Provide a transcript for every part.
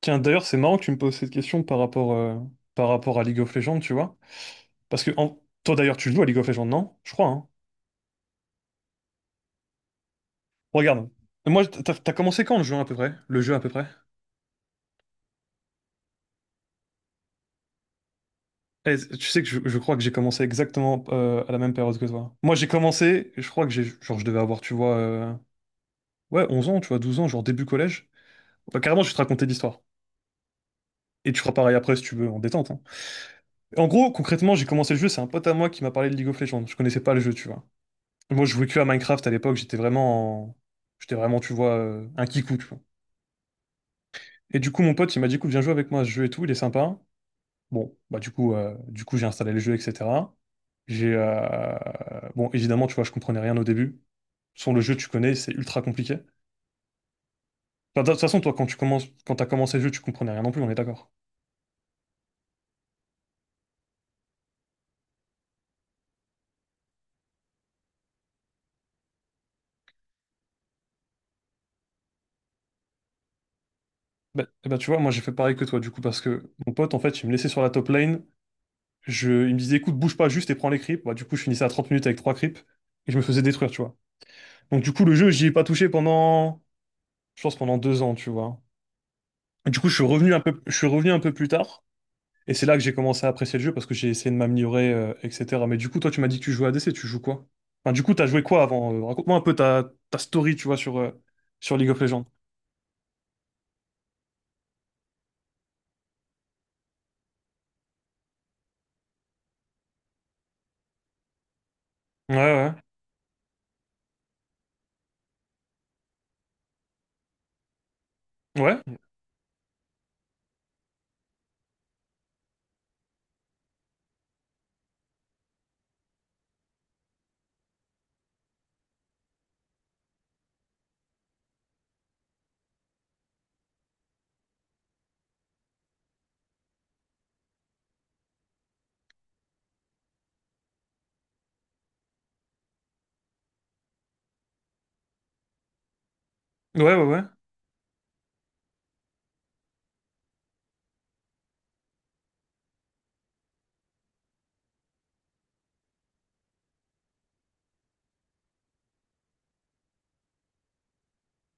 Tiens, d'ailleurs, c'est marrant que tu me poses cette question par rapport à League of Legends, tu vois. Parce que toi, d'ailleurs, tu joues à League of Legends, non? Je crois, hein. Regarde. Moi, t'as commencé quand le jeu à peu près? Le jeu à peu près? Eh, tu sais que je crois que j'ai commencé exactement à la même période que toi. Moi, j'ai commencé, je crois que j'ai, genre, je devais avoir, tu vois, ouais, 11 ans, tu vois, 12 ans, genre début collège. Enfin, carrément, je vais te raconter l'histoire. Et tu feras pareil après si tu veux, en détente, hein. En gros, concrètement, j'ai commencé le jeu, c'est un pote à moi qui m'a parlé de League of Legends. Je connaissais pas le jeu, tu vois. Moi, je jouais que à Minecraft à l'époque, j'étais vraiment, tu vois, un kikou, tu vois. Et du coup, mon pote, il m'a dit, écoute, viens jouer avec moi à ce jeu et tout, il est sympa. Bon, bah du coup, j'ai installé le jeu, etc. J'ai, euh, bon, évidemment, tu vois, je comprenais rien au début. Sans le jeu, tu connais, c'est ultra compliqué. Enfin, de toute façon, toi, quand tu commences, quand t'as commencé le jeu, tu comprenais rien non plus, on est d'accord. Bah, eh ben, tu vois, moi, j'ai fait pareil que toi, du coup, parce que mon pote, en fait, il me laissait sur la top lane. Il me disait, écoute, bouge pas juste et prends les creeps. Bah, du coup, je finissais à 30 minutes avec trois creeps et je me faisais détruire, tu vois. Donc du coup, le jeu, j'y ai pas touché je pense pendant 2 ans, tu vois. Et du coup, je suis revenu un peu plus tard, et c'est là que j'ai commencé à apprécier le jeu parce que j'ai essayé de m'améliorer, etc. Mais du coup, toi, tu m'as dit que tu jouais à DC, tu joues quoi? Enfin, du coup, t'as joué quoi avant? Raconte-moi un peu ta story, tu vois, sur League of Legends. Ouais, ouais, ouais, ouais, ouais, ouais.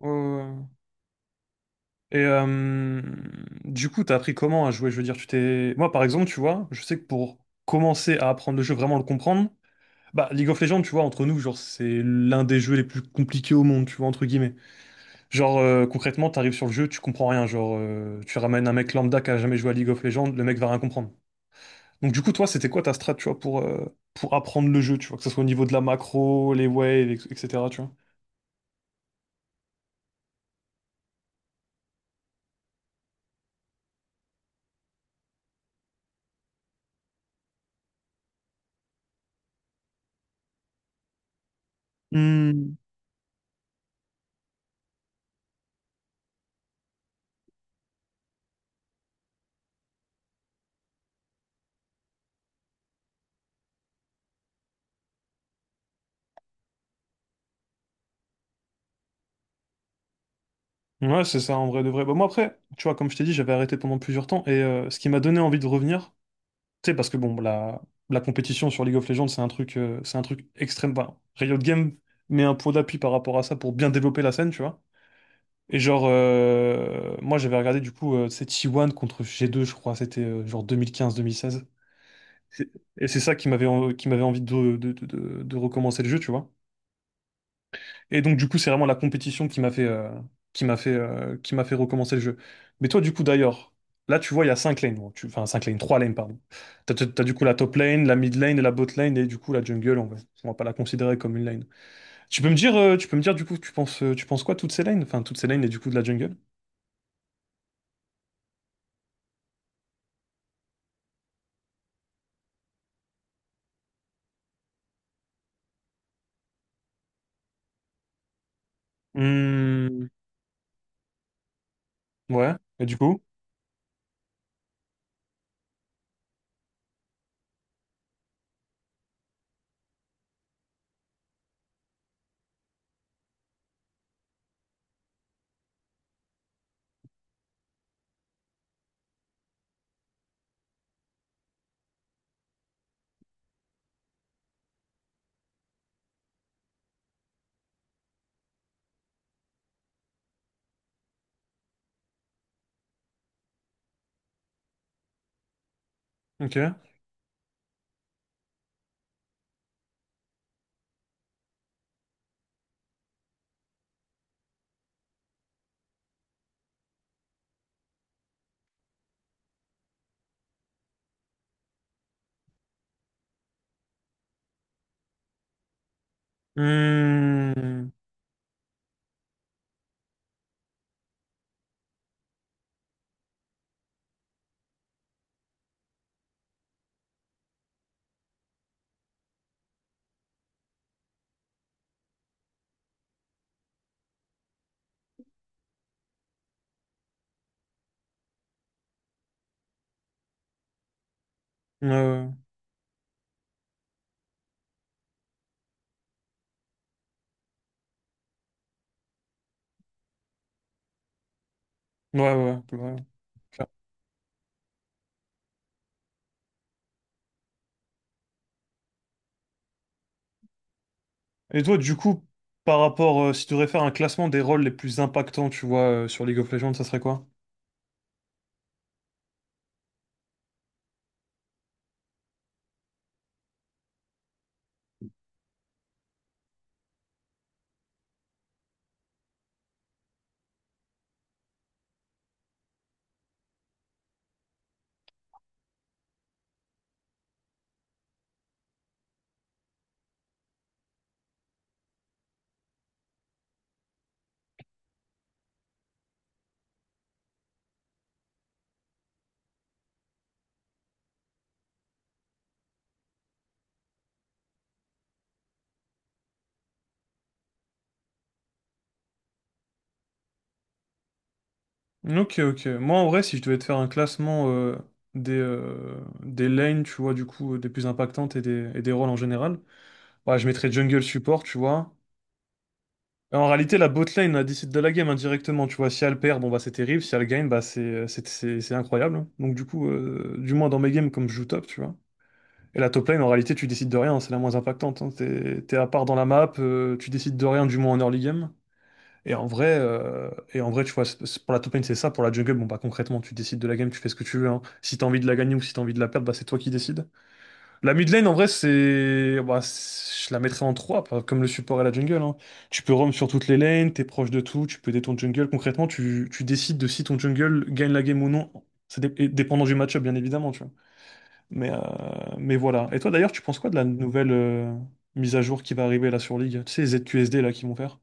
Ouais, ouais, ouais. Et du coup, t'as appris comment à jouer? Je veux dire, moi, par exemple, tu vois, je sais que pour commencer à apprendre le jeu, vraiment le comprendre. Bah, League of Legends, tu vois, entre nous, genre, c'est l'un des jeux les plus compliqués au monde, tu vois, entre guillemets. Genre, concrètement, t'arrives sur le jeu, tu comprends rien. Genre, tu ramènes un mec lambda qui a jamais joué à League of Legends, le mec va rien comprendre. Donc, du coup, toi, c'était quoi ta strat, tu vois, pour apprendre le jeu, tu vois, que ce soit au niveau de la macro, les waves, etc., tu vois. Hmm. Ouais, c'est ça, en vrai de vrai. Bah, moi, après, tu vois, comme je t'ai dit, j'avais arrêté pendant plusieurs temps, et ce qui m'a donné envie de revenir, tu sais, parce que bon, la compétition sur League of Legends, c'est un truc extrême. Enfin, Riot Games met un pot d'appui par rapport à ça pour bien développer la scène, tu vois. Et genre, moi j'avais regardé du coup, c'est T1 contre G2, je crois, c'était genre 2015-2016. C'est- Et c'est ça qui m'avait qui m'avait envie de recommencer le jeu, tu vois. Et donc, du coup, c'est vraiment la compétition qui m'a fait recommencer le jeu. Mais toi, du coup, d'ailleurs, là, tu vois, il y a 5 lanes. Bon, enfin, 5 lanes, 3 lanes, pardon. T'as du coup la top lane, la mid lane, et la bot lane, et du coup, la jungle, on va pas la considérer comme une lane. Tu peux me dire, tu peux me dire, du coup, tu penses quoi, toutes ces lanes? Enfin, toutes ces lanes, et du coup, de la jungle? Hmm, ouais. Et du coup? Ok. Hmm, euh, ouais, ouais, ouais. Ouais. Clairement. Et toi, du coup, si tu devrais faire un classement des rôles les plus impactants, tu vois, sur League of Legends, ça serait quoi? Ok, ok. Moi, en vrai, si je devais te faire un classement des lanes, tu vois, des plus impactantes et des rôles en général, ouais, je mettrais jungle support, tu vois. Et en réalité, la bot lane, elle décide de la game indirectement, tu vois. Si elle perd, bon, bah, c'est terrible. Si elle gagne, bah, c'est incroyable, hein. Donc, du coup, du moins dans mes games, comme je joue top, tu vois. Et la top lane, en réalité, tu décides de rien, c'est la moins impactante, hein. T'es à part dans la map, tu décides de rien, du moins en early game. Et en vrai, tu vois, pour la top lane, c'est ça. Pour la jungle, bon, bah concrètement, tu décides de la game, tu fais ce que tu veux, hein. Si t'as envie de la gagner ou si t'as envie de la perdre, bah c'est toi qui décides. La mid lane, en vrai, c'est. Bah, je la mettrais en 3, comme le support et la jungle, hein. Tu peux roam sur toutes les lanes, t'es proche de tout, tu peux aider ton jungle. Concrètement, tu décides de si ton jungle gagne la game ou non. Et dépendant du match-up, bien évidemment, tu vois. Mais, euh, mais voilà. Et toi d'ailleurs, tu penses quoi de la nouvelle mise à jour qui va arriver là sur League? Tu sais, les ZQSD là qui vont faire?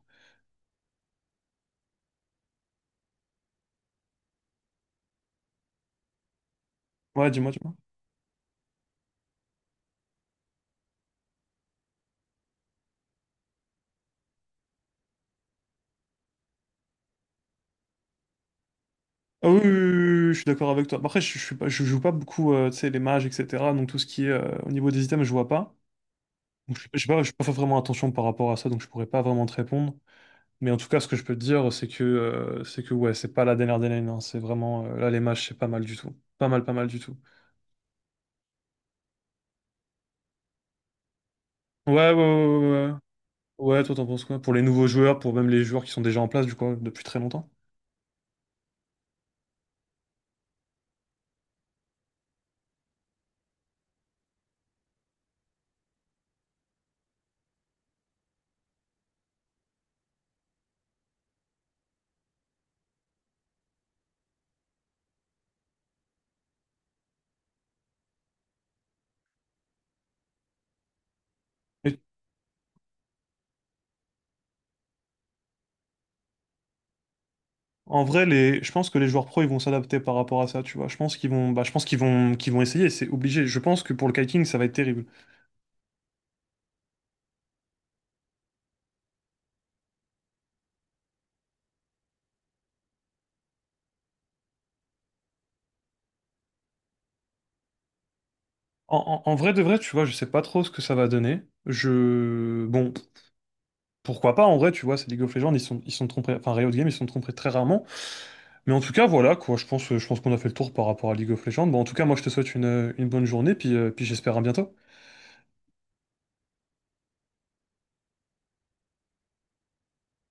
Ouais, dis-moi, dis-moi. Ah oui, oui, oui, oui, oui, je suis d'accord avec toi. Bah, après, je joue pas beaucoup, tu sais, les mages, etc. Donc tout ce qui est au niveau des items, je vois pas. Donc je sais pas, je peux pas vraiment attention par rapport à ça, donc je pourrais pas vraiment te répondre. Mais en tout cas, ce que je peux te dire, c'est que ouais, c'est pas la dernière des lanes, hein. C'est vraiment là les mages, c'est pas mal du tout. Pas mal, pas mal du tout. Ouais, ouais, ouais, ouais. Ouais, ouais, toi t'en penses quoi? Pour les nouveaux joueurs, pour même les joueurs qui sont déjà en place, du coup, depuis très longtemps? Mais en vrai, je pense que les joueurs pro, ils vont s'adapter par rapport à ça, tu vois. Je pense qu'ils vont, qu'ils vont essayer, c'est obligé. Je pense que pour le kiting, ça va être terrible. En vrai de vrai, tu vois, je sais pas trop ce que ça va donner. Bon, pourquoi pas, en vrai, tu vois, c'est League of Legends, ils sont trompés, enfin, Riot Games, ils sont trompés très rarement. Mais en tout cas, voilà, quoi, je pense qu'on a fait le tour par rapport à League of Legends. Bon, en tout cas, moi, je te souhaite une bonne journée, puis j'espère à bientôt.